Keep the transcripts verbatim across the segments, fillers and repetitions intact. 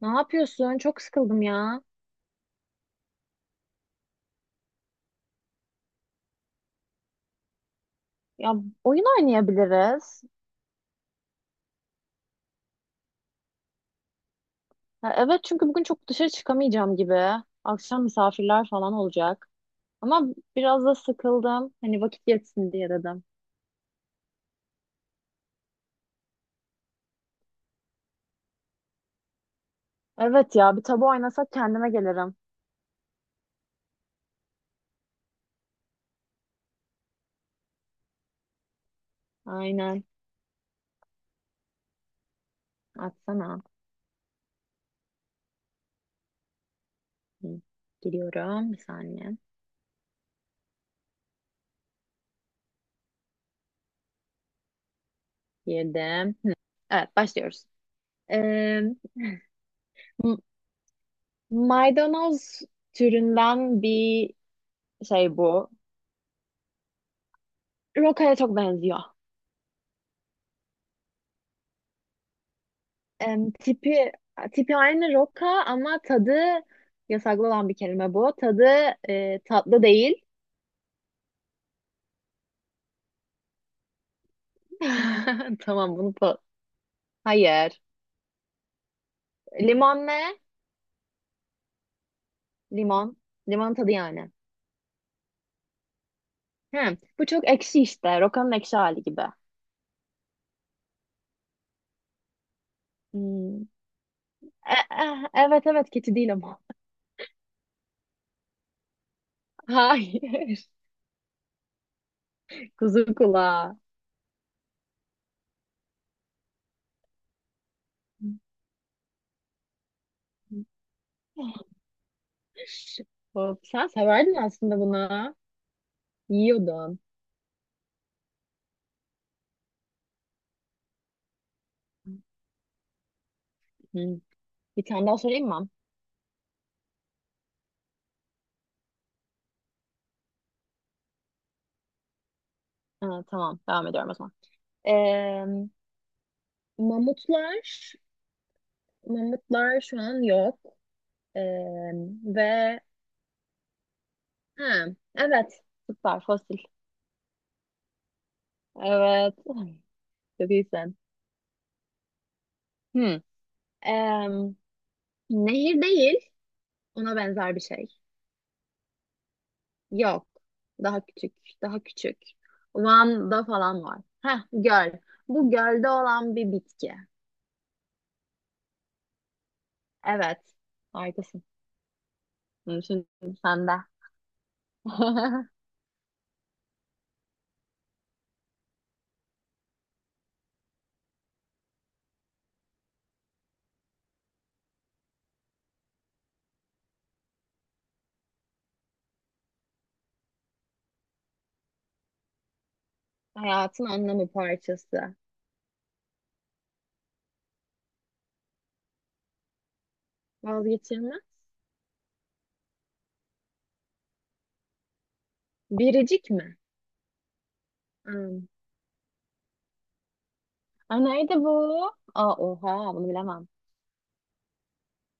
Ne yapıyorsun? Çok sıkıldım ya. Ya oyun oynayabiliriz. Ha, evet çünkü bugün çok dışarı çıkamayacağım gibi. Akşam misafirler falan olacak. Ama biraz da sıkıldım. Hani vakit geçsin diye dedim. Evet ya bir tabu oynasak kendime gelirim. Aynen. Atsana. Hı, Giriyorum. Bir saniye. Girdim. Evet başlıyoruz. Ee, m- Maydanoz türünden bir şey bu. Roka'ya çok benziyor. Em, tipi tipi aynı roka ama tadı yasaklı olan bir kelime bu. Tadı e, tatlı değil. Tamam bunu pa- Hayır. Limon ne? Limon. Limon tadı yani. Hı, bu çok ekşi işte. Rokanın ekşi hali gibi. Hmm. E, e, evet evet, keçi değil ama. Hayır. Kuzu kulağı. Hop, sen severdin aslında bunu. Yiyordun. Hı. Bir tane daha sorayım mı? Ha, tamam devam ediyorum o zaman. Ee, mamutlar, mamutlar şu an yok. Ee, Ve ha, evet, süper fosil. Evet, çok iyisin. Hmm. Ee, Nehir değil, ona benzer bir şey. Yok, daha küçük, daha küçük. Van'da falan var. Heh, göl. Bu gölde olan bir bitki. Evet, harikasın. Bunu şimdi sende. Hayatın anlamı parçası. Vazgeçilmez. Biricik mi? Hmm. Aa, neydi bu? Aa, oha bunu bilemem.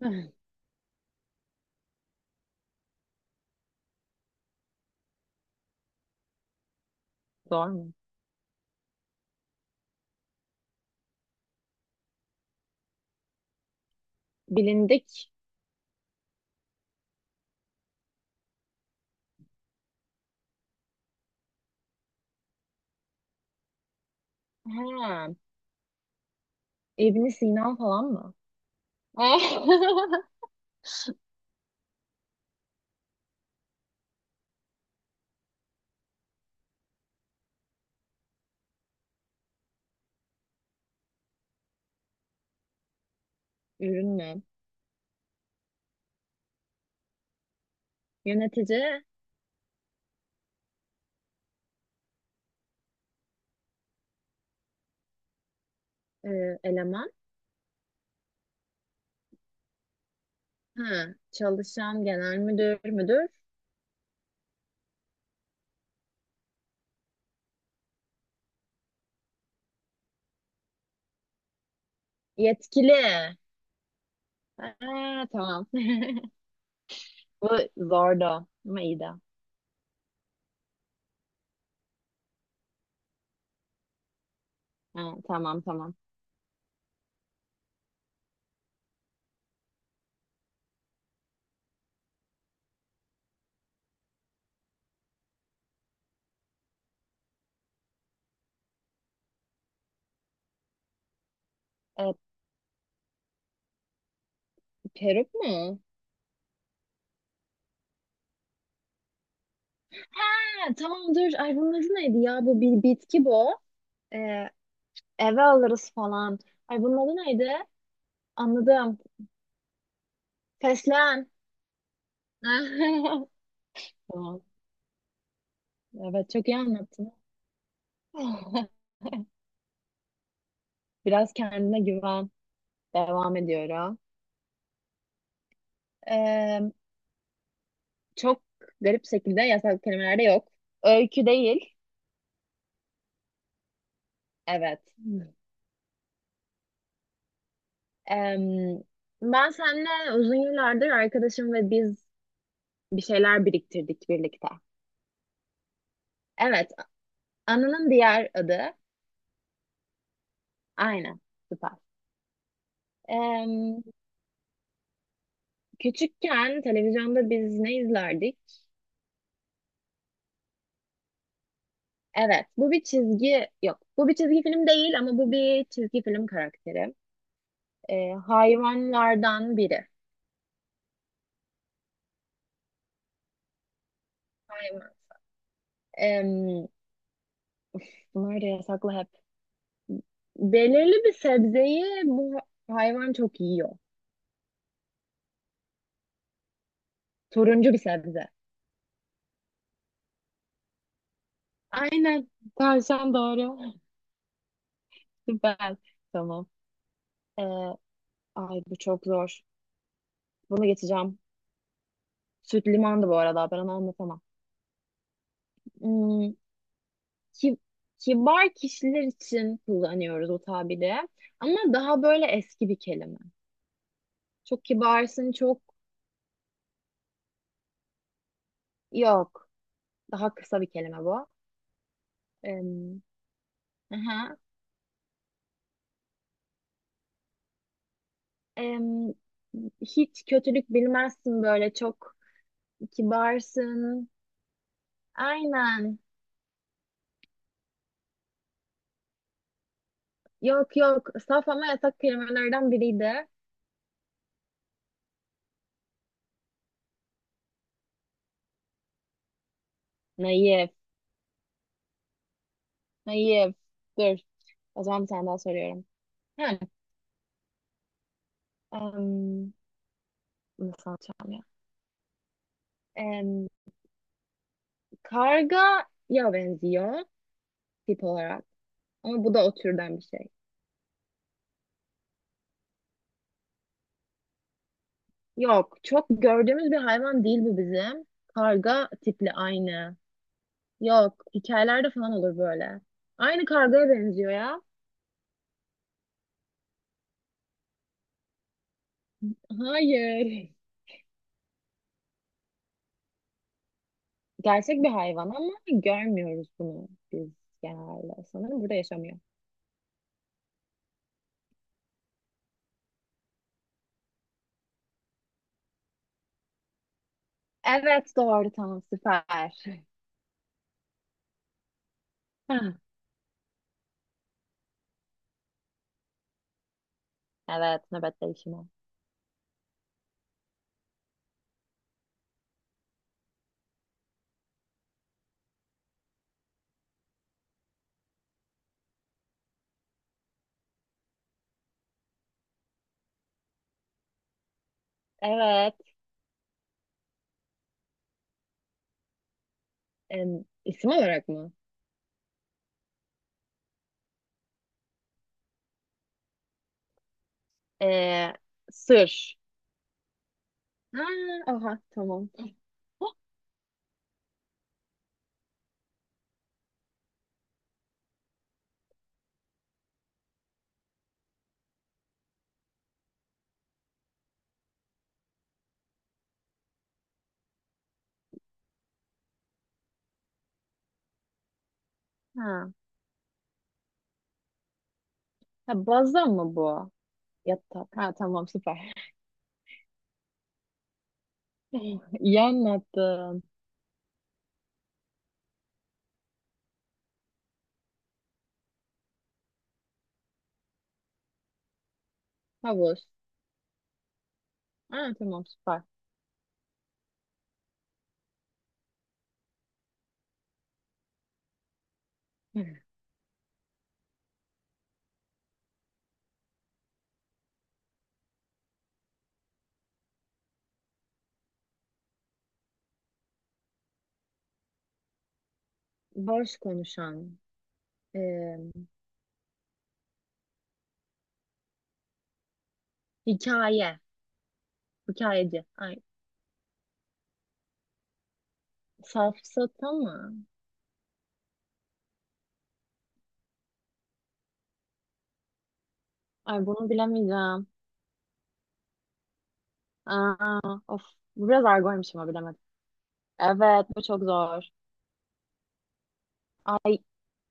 Zor mu? Bilindik. Ha, ibn Sina falan mı? Ürün mü? Yönetici e, eleman. Ha, çalışan genel müdür müdür. Yetkili. Ha, tamam. Bu zordu ama iyiydi. Ha, tamam tamam. E, Peruk mu? Ha, tamam dur. Ay bunun adı neydi ya? Bu bir bitki bu. E, Eve alırız falan. Ay bunun adı neydi? Anladım. Fesleğen. Tamam. Evet çok iyi anlattın. Biraz kendine güven. Devam ediyorum. Ee, Çok garip şekilde yasal kelimelerde yok. Öykü değil. Evet. Ee, Ben seninle uzun yıllardır arkadaşım ve biz bir şeyler biriktirdik birlikte. Evet. Anının diğer adı. Aynen. Süper. Ee, Küçükken televizyonda biz ne izlerdik? Evet, bu bir çizgi yok. Bu bir çizgi film değil ama bu bir çizgi film karakteri. Ee, hayvanlardan biri. Hayvan. Em, Bunlar da yasaklı hep. Belirli bir sebzeyi bu hayvan çok yiyor. Turuncu bir sebze. Aynen. Tavşan doğru. Süper. Tamam. Ee, Ay bu çok zor. Bunu geçeceğim. Süt limandı bu arada. Ben onu anlatamam. Hmm, ki- Kibar kişiler için kullanıyoruz o tabiri. Ama daha böyle eski bir kelime. Çok kibarsın, çok yok. Daha kısa bir kelime bu. Em, aha. Em, Hiç kötülük bilmezsin böyle çok kibarsın. Aynen. Yok yok. Saf ama yasak kelimelerden biriydi. Naif. Naif. Dur. O zaman bir tane daha soruyorum. Hem, em, Nasıl anlatacağım ya? Kargaya benziyor tip olarak. Ama bu da o türden bir şey. Yok, çok gördüğümüz bir hayvan değil bu bizim. Karga tipli aynı. Yok, hikayelerde falan olur böyle. Aynı kargaya benziyor ya. Hayır. Gerçek bir hayvan ama görmüyoruz bunu biz genelde. Sanırım burada yaşamıyor. Evet, doğru tamam süper. Hah, evet, nöbet değişimi. Evet, em, isim olarak mı? Ee, Sır. Ha, aha tamam. Ha. Ha baza mı bu? Yatak. Ha tamam süper. İyi anlattın. Havuz. Ha tamam süper. Boş konuşan. Eee Hikaye. Hikayeci. Ay safsata mı? Ay bunu bilemeyeceğim. Aa, of. Biraz argoymuş ama bilemedim. Evet bu çok zor. Ay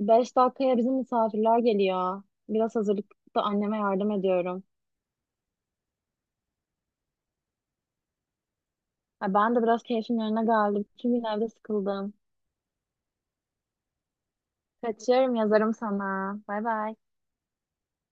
beş dakikaya bizim misafirler geliyor. Biraz hazırlıkta anneme yardım ediyorum. Ay, ben de biraz keyfim yerine geldi. Bütün gün evde sıkıldım. Kaçıyorum yazarım sana. Bay bay.